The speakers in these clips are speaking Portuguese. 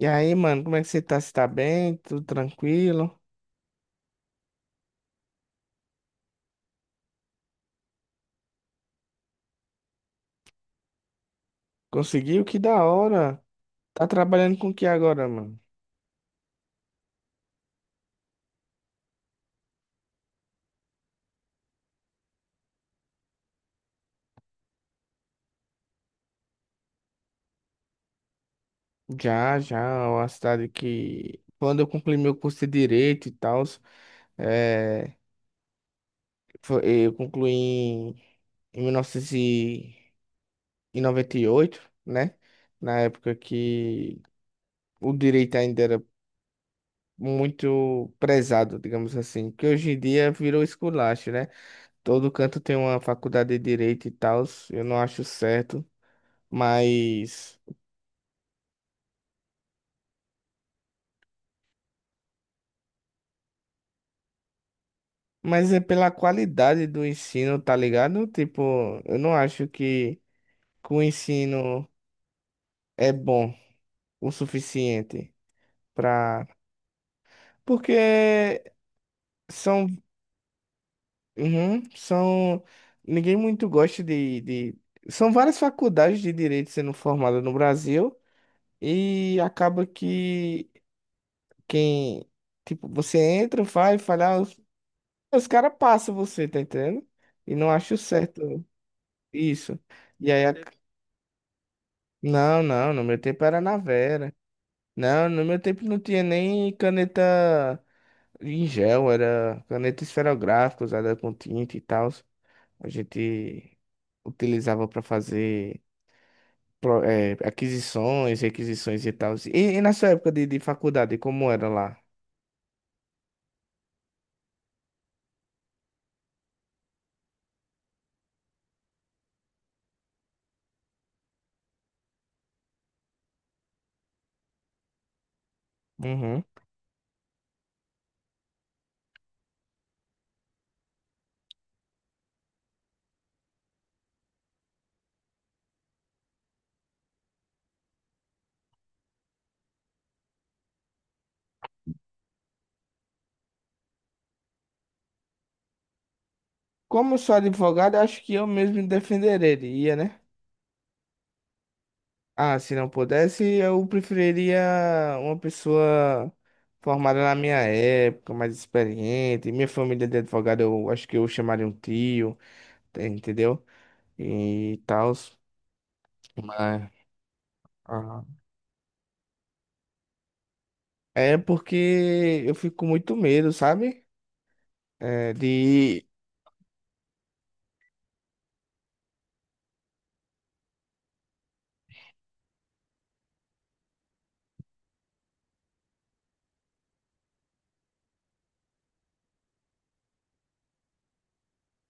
E aí, mano, como é que você tá? Você tá bem? Tudo tranquilo? Conseguiu? Que da hora! Tá trabalhando com o que agora, mano? Já, já, é uma cidade que... Quando eu concluí meu curso de Direito e tal, é... eu concluí em 1998, né? Na época que o direito ainda era muito prezado, digamos assim, que hoje em dia virou esculacho, né? Todo canto tem uma faculdade de direito e tal, eu não acho certo. Mas, mas, é pela qualidade do ensino, tá ligado? Tipo, eu não acho que o ensino é bom o suficiente pra. Porque são, uhum, são, ninguém muito gosta de, são várias faculdades de direito sendo formadas no Brasil e acaba que quem, tipo, você entra, faz, fala, ah, os caras passam você, tá entendendo? E não acho certo isso. E aí, não, não, no meu tempo era na Vera. Não, no meu tempo não tinha nem caneta em gel, era caneta esferográfica usada com tinta e tal. A gente utilizava para fazer aquisições, requisições e tal. E na sua época de faculdade, como era lá? Uhum. Como eu sou advogado, eu acho que eu mesmo me defenderia, né? Ah, se não pudesse, eu preferiria uma pessoa formada na minha época, mais experiente. Minha família de advogado, eu acho que eu chamaria um tio, entendeu? E tal. Mas, ah, é porque eu fico com muito medo, sabe? É, de.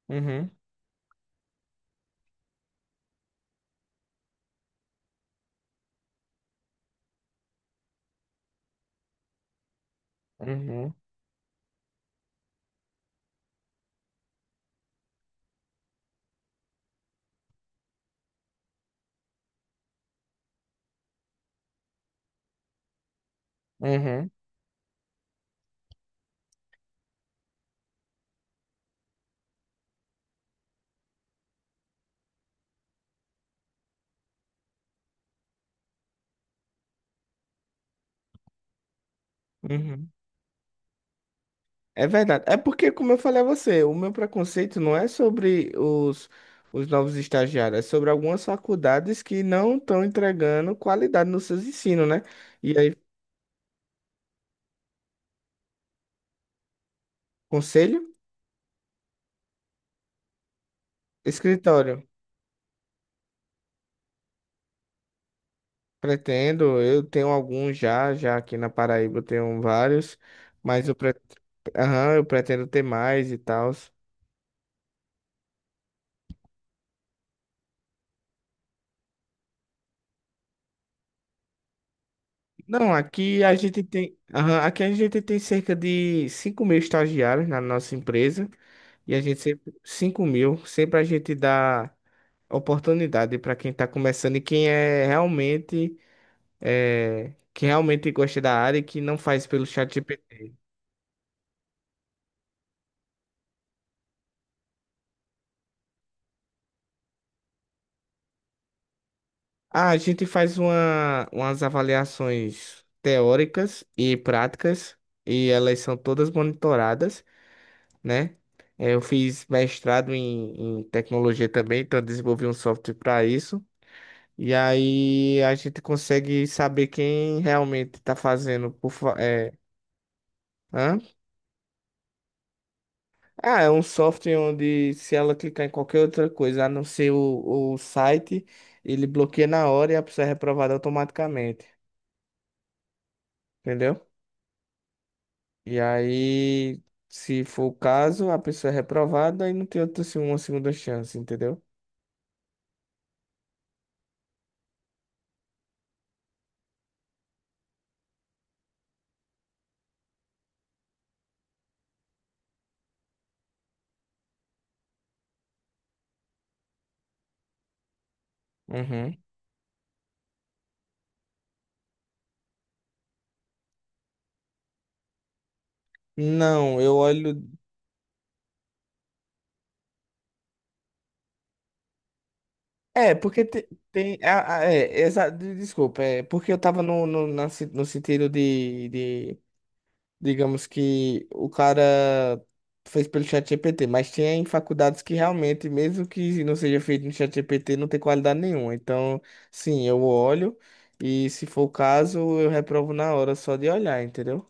Uhum, uhum, uhum, uhum. É verdade. É porque, como eu falei a você, o meu preconceito não é sobre os novos estagiários, é sobre algumas faculdades que não estão entregando qualidade nos seus ensinos, né? E aí, conselho? Escritório. Pretendo, eu tenho alguns já, já aqui na Paraíba eu tenho vários, mas eu, pre... Aham, eu pretendo ter mais e tal. Não, aqui a gente tem cerca de 5 mil estagiários na nossa empresa e a gente sempre, 5 mil, sempre a gente dá oportunidade para quem está começando e quem é realmente, que realmente gosta da área e que não faz pelo ChatGPT. Ah, a gente faz umas avaliações teóricas e práticas e elas são todas monitoradas, né? Eu fiz mestrado em tecnologia também, então eu desenvolvi um software para isso. E aí a gente consegue saber quem realmente está fazendo hã? Ah, é um software onde se ela clicar em qualquer outra coisa, a não ser o site, ele bloqueia na hora e a pessoa é reprovada automaticamente, entendeu? E aí, se for o caso, a pessoa é reprovada e não tem outra, uma segunda chance, entendeu? Uhum. Não, eu olho. É, porque te- tem. Desculpa, é porque eu tava no, no, na se- no sentido de. Digamos que o cara fez pelo ChatGPT, mas tem faculdades que realmente, mesmo que não seja feito no ChatGPT, não tem qualidade nenhuma. Então, sim, eu olho e, se for o caso, eu reprovo na hora só de olhar, entendeu?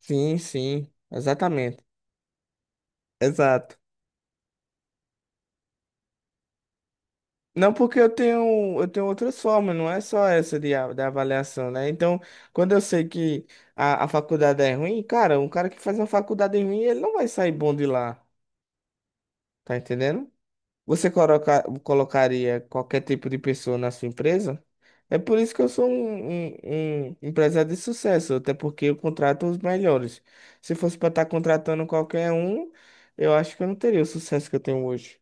Sim, sim, exatamente. Exato. Não, porque eu tenho outras formas, não é só essa da avaliação, né? Então, quando eu sei que a faculdade é ruim, cara, um cara que faz uma faculdade ruim, ele não vai sair bom de lá, tá entendendo? Você colocaria qualquer tipo de pessoa na sua empresa? É por isso que eu sou um empresário de sucesso, até porque eu contrato os melhores. Se fosse para estar contratando qualquer um, eu acho que eu não teria o sucesso que eu tenho hoje.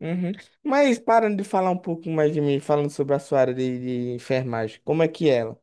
Uhum. Mas parando de falar um pouco mais de mim, falando sobre a sua área de enfermagem, como é que é ela?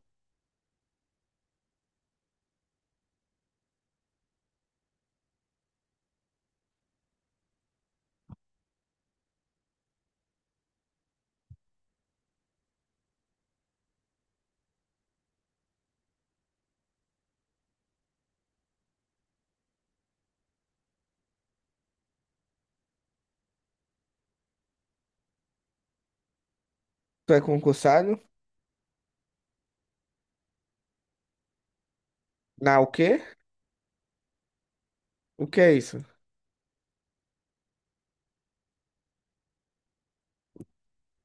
Tu é concursado? Na o quê? O que é isso?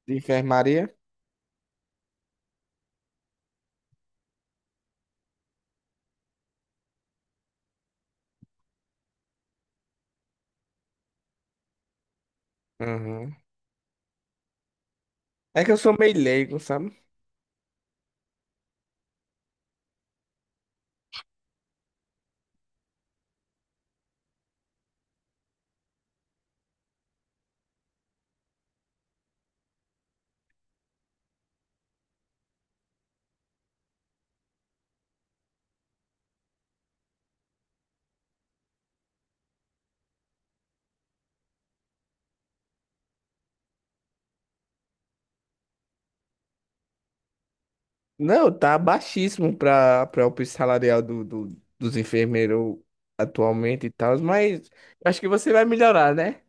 De enfermaria? Uhum. É que eu sou meio leigo, sabe? Não, tá baixíssimo pra o salarial dos enfermeiros atualmente e tal, mas acho que você vai melhorar, né?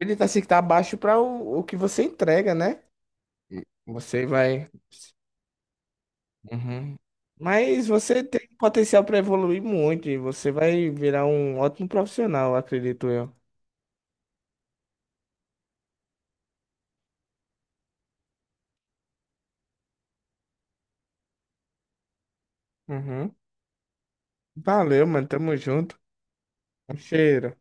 Ele tá assim que tá baixo pra o que você entrega, né? Você vai. Uhum. Mas você tem potencial para evoluir muito e você vai virar um ótimo profissional, acredito eu. Uhum. Valeu, mano. Tamo junto. Um cheiro.